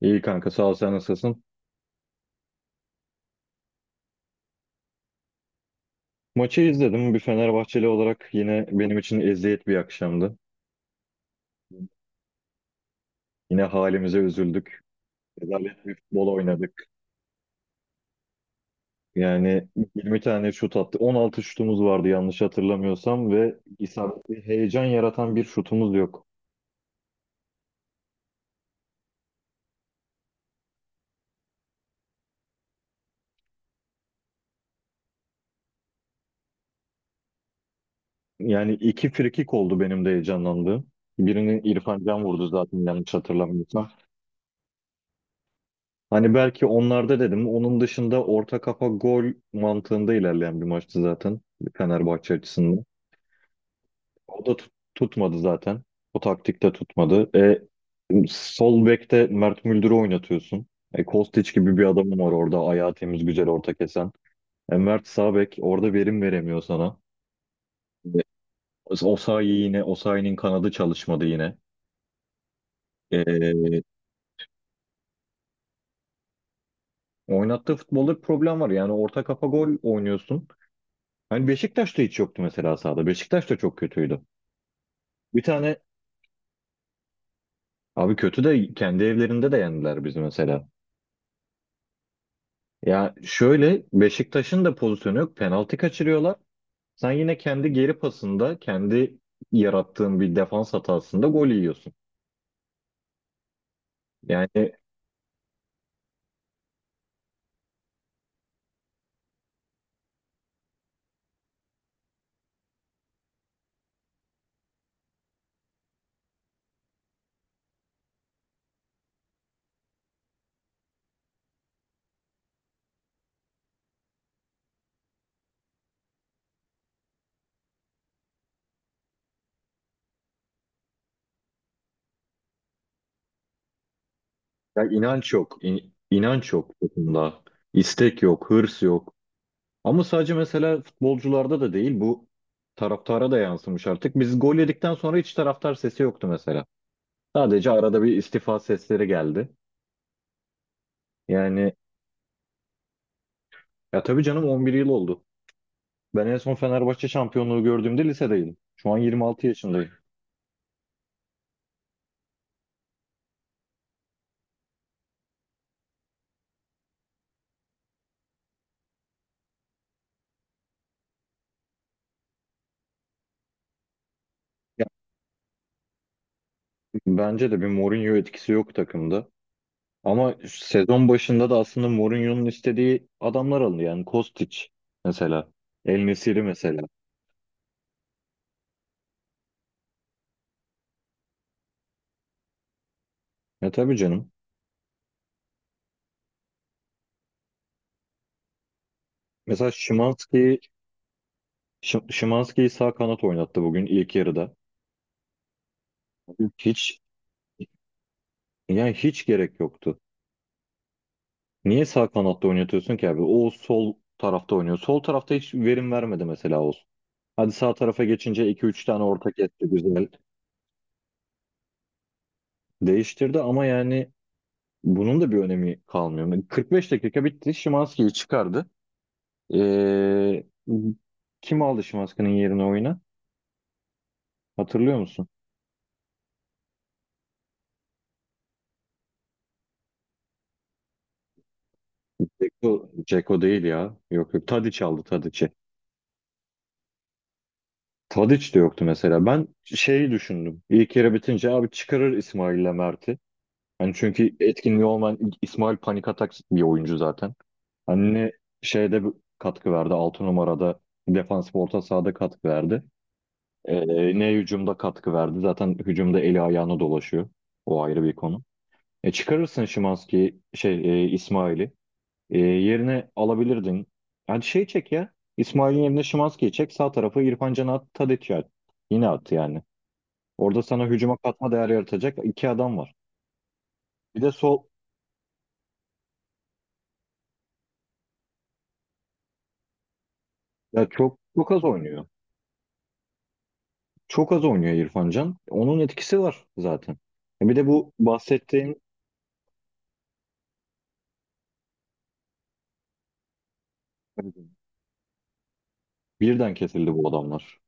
İyi kanka, sağ ol, sen nasılsın? Maçı izledim. Bir Fenerbahçeli olarak yine benim için eziyet bir akşamdı. Yine halimize üzüldük. Rezalet bir futbol oynadık. Yani 20 tane şut attı. 16 şutumuz vardı yanlış hatırlamıyorsam ve isabetli heyecan yaratan bir şutumuz yok. Yani iki frikik oldu benim de heyecanlandığım. Birinin İrfan Can vurdu zaten yanlış hatırlamıyorsam. Hani belki onlarda dedim. Onun dışında orta kafa gol mantığında ilerleyen bir maçtı zaten Fenerbahçe açısından. O da tutmadı zaten. O taktikte tutmadı. Sol bekte Mert Müldür'ü oynatıyorsun. Kostić gibi bir adamın var orada. Ayağı temiz, güzel orta kesen. Mert sağ bek orada verim veremiyor sana. E, Osayi yine, Osayi'nin kanadı çalışmadı yine. E, Oynattığı futbolda bir problem var. Yani orta kafa gol oynuyorsun. Hani Beşiktaş'ta hiç yoktu mesela sahada. Beşiktaş da çok kötüydü. Bir tane abi, kötü de kendi evlerinde de yendiler biz mesela. Ya şöyle, Beşiktaş'ın da pozisyonu yok. Penaltı kaçırıyorlar. Sen yine kendi geri pasında, kendi yarattığın bir defans hatasında gol yiyorsun. Yani ya inanç yok. İnanç yok takımda. İstek yok, hırs yok. Ama sadece mesela futbolcularda da değil bu, taraftara da yansımış artık. Biz gol yedikten sonra hiç taraftar sesi yoktu mesela. Sadece arada bir istifa sesleri geldi. Yani ya tabii canım, 11 yıl oldu. Ben en son Fenerbahçe şampiyonluğu gördüğümde lisedeydim. Şu an 26 yaşındayım. Yani bence de bir Mourinho etkisi yok takımda. Ama sezon başında da aslında Mourinho'nun istediği adamlar alındı. Yani Kostić mesela. El Nesiri mesela. Ya tabii canım. Mesela Szymański'yi, Szymański'yi sağ kanat oynattı bugün ilk yarıda. Hiç, yani hiç gerek yoktu. Niye sağ kanatta oynatıyorsun ki abi? O sol tarafta oynuyor. Sol tarafta hiç verim vermedi mesela o. Hadi sağ tarafa geçince iki üç tane ortak etti güzel. Değiştirdi ama yani bunun da bir önemi kalmıyor. Yani 45 dakika bitti. Şimanski'yi çıkardı. Ee, Kim aldı Şimanski'nin yerine oyuna? Hatırlıyor musun? Ceko değil ya. Yok yok. Tadiç aldı Tadiç'i. Tadiç de yoktu mesela. Ben şeyi düşündüm. İlk yarı bitince abi çıkarır İsmail'le Mert'i. Hani çünkü etkinliği olmayan İsmail panik atak bir oyuncu zaten. Hani şeyde bir katkı verdi. Altı numarada defansif orta sahada katkı verdi. Ne hücumda katkı verdi. Zaten hücumda eli ayağına dolaşıyor. O ayrı bir konu. Çıkarırsın Şimanski şey, İsmail'i. Yerine alabilirdin. Hadi şey çek ya. İsmail'in yerine Şimanski'yi çek. Sağ tarafı İrfan Can'a at, Tadiç'e at. Yine at yani. Orada sana hücuma katma değer yaratacak iki adam var. Bir de sol, ya çok çok az oynuyor. Çok az oynuyor İrfan Can. Onun etkisi var zaten. Bir de bu bahsettiğim, birden kesildi bu adamlar.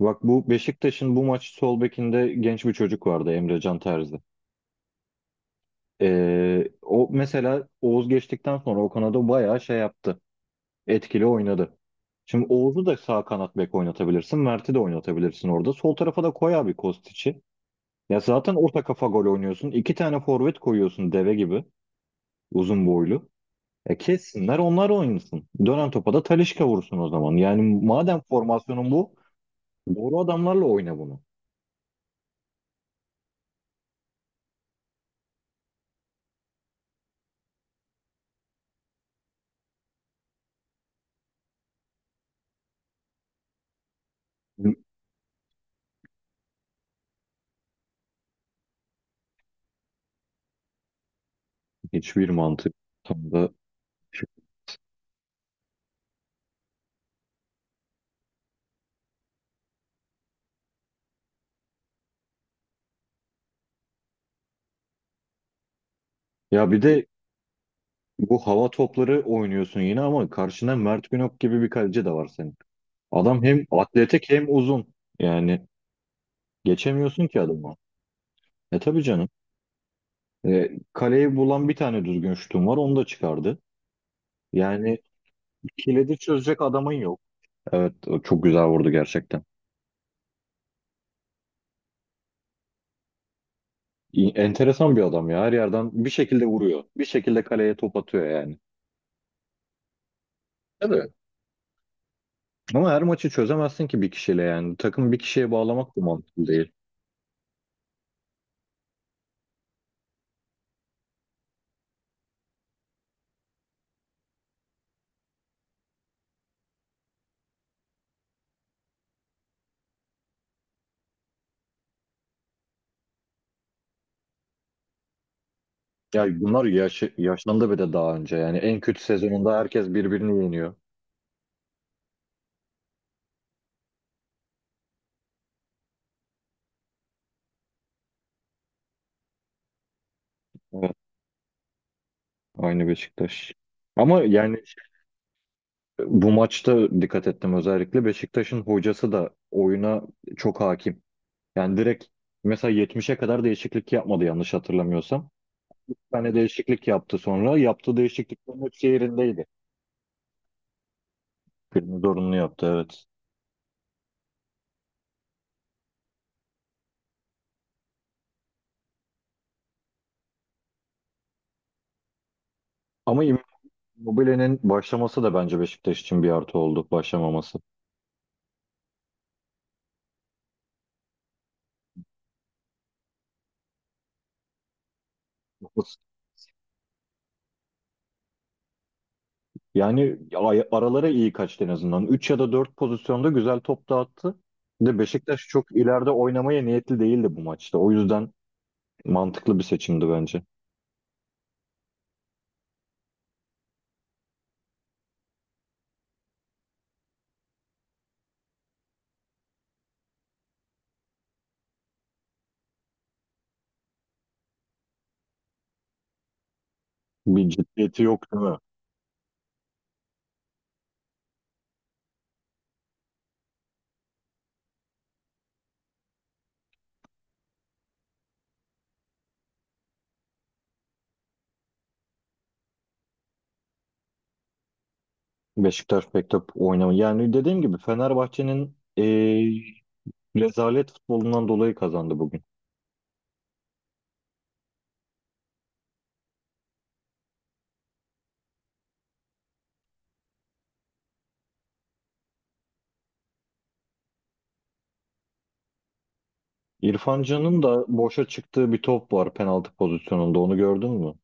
Bak bu Beşiktaş'ın bu maç sol bekinde genç bir çocuk vardı, Emre Can Terzi. O mesela Oğuz geçtikten sonra o kanada bayağı şey yaptı. Etkili oynadı. Şimdi Oğuz'u da sağ kanat bek oynatabilirsin. Mert'i de oynatabilirsin orada. Sol tarafa da koy abi Kostiç'i. Ya zaten orta kafa gol oynuyorsun. İki tane forvet koyuyorsun deve gibi. Uzun boylu. E kessinler onlar oynasın. Dönen topa da Talisca vursun o zaman. Yani madem formasyonun bu, doğru adamlarla oyna bunu. Hiçbir mantık, tam da. Ya bir de bu hava topları oynuyorsun yine ama karşında Mert Günok gibi bir kaleci de var senin. Adam hem atletik hem uzun. Yani geçemiyorsun ki adamı. E tabii canım. Kaleyi bulan bir tane düzgün şutun var, onu da çıkardı. Yani kilidi çözecek adamın yok. Evet, o çok güzel vurdu gerçekten. Enteresan bir adam ya. Her yerden bir şekilde vuruyor. Bir şekilde kaleye top atıyor yani. Evet. Ama her maçı çözemezsin ki bir kişiyle yani. Takım bir kişiye bağlamak da mantıklı değil. Ya bunlar yaş yaşlandı bir de daha önce. Yani en kötü sezonunda herkes birbirini yeniyor. Evet, aynı Beşiktaş. Ama yani bu maçta dikkat ettim, özellikle Beşiktaş'ın hocası da oyuna çok hakim. Yani direkt mesela yetmişe kadar değişiklik yapmadı yanlış hatırlamıyorsam. Bir tane değişiklik yaptı sonra. Yaptığı değişikliklerin hepsi yerindeydi. Birini zorunlu yaptı evet. Ama Immobile'nin başlaması da bence Beşiktaş için bir artı oldu, başlamaması. Yani aralara iyi kaçtı en azından. Üç ya da 4 pozisyonda güzel top dağıttı. Bir de Beşiktaş çok ileride oynamaya niyetli değildi bu maçta. O yüzden mantıklı bir seçimdi bence. Bir ciddiyeti yok değil mi? Beşiktaş pek top oynamıyor. Yani dediğim gibi Fenerbahçe'nin rezalet futbolundan dolayı kazandı bugün. İrfan Can'ın da boşa çıktığı bir top var penaltı pozisyonunda. Onu gördün mü?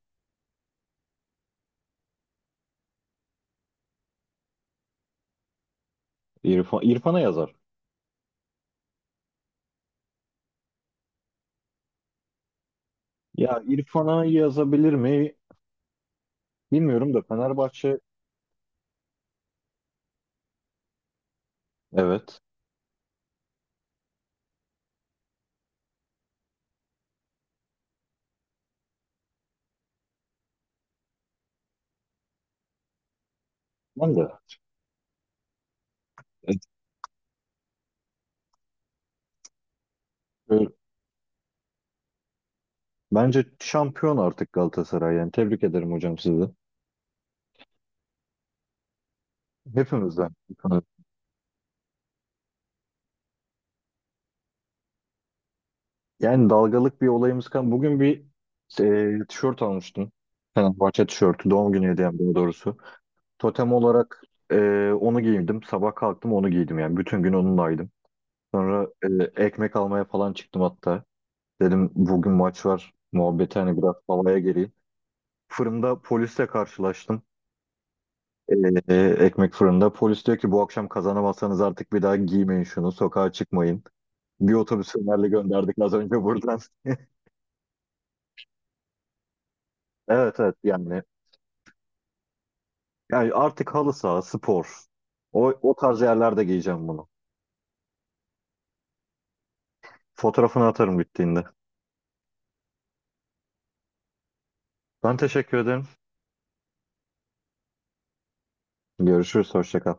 İrfan'a yazar. Ya İrfan'a yazabilir mi bilmiyorum da Fenerbahçe, evet. Ben de. Evet. Ee, Bence şampiyon artık Galatasaray yani. Tebrik ederim hocam sizi. Hepimizden. Yani dalgalık bir olayımız kan. Bugün bir, tişört almıştım. Fenerbahçe tişörtü. Doğum günü hediyem daha doğrusu. Totem olarak onu giydim. Sabah kalktım onu giydim yani. Bütün gün onunlaydım. Sonra ekmek almaya falan çıktım hatta. Dedim bugün maç var. Muhabbeti hani biraz havaya geleyim. Fırında polisle karşılaştım. Ekmek fırında. Polis diyor ki bu akşam kazanamazsanız artık bir daha giymeyin şunu. Sokağa çıkmayın. Bir otobüs Fenerli gönderdik az önce buradan. Evet evet yani. Yani artık halı saha, spor. O tarz yerlerde giyeceğim bunu. Fotoğrafını atarım bittiğinde. Ben teşekkür ederim. Görüşürüz. Hoşça kal.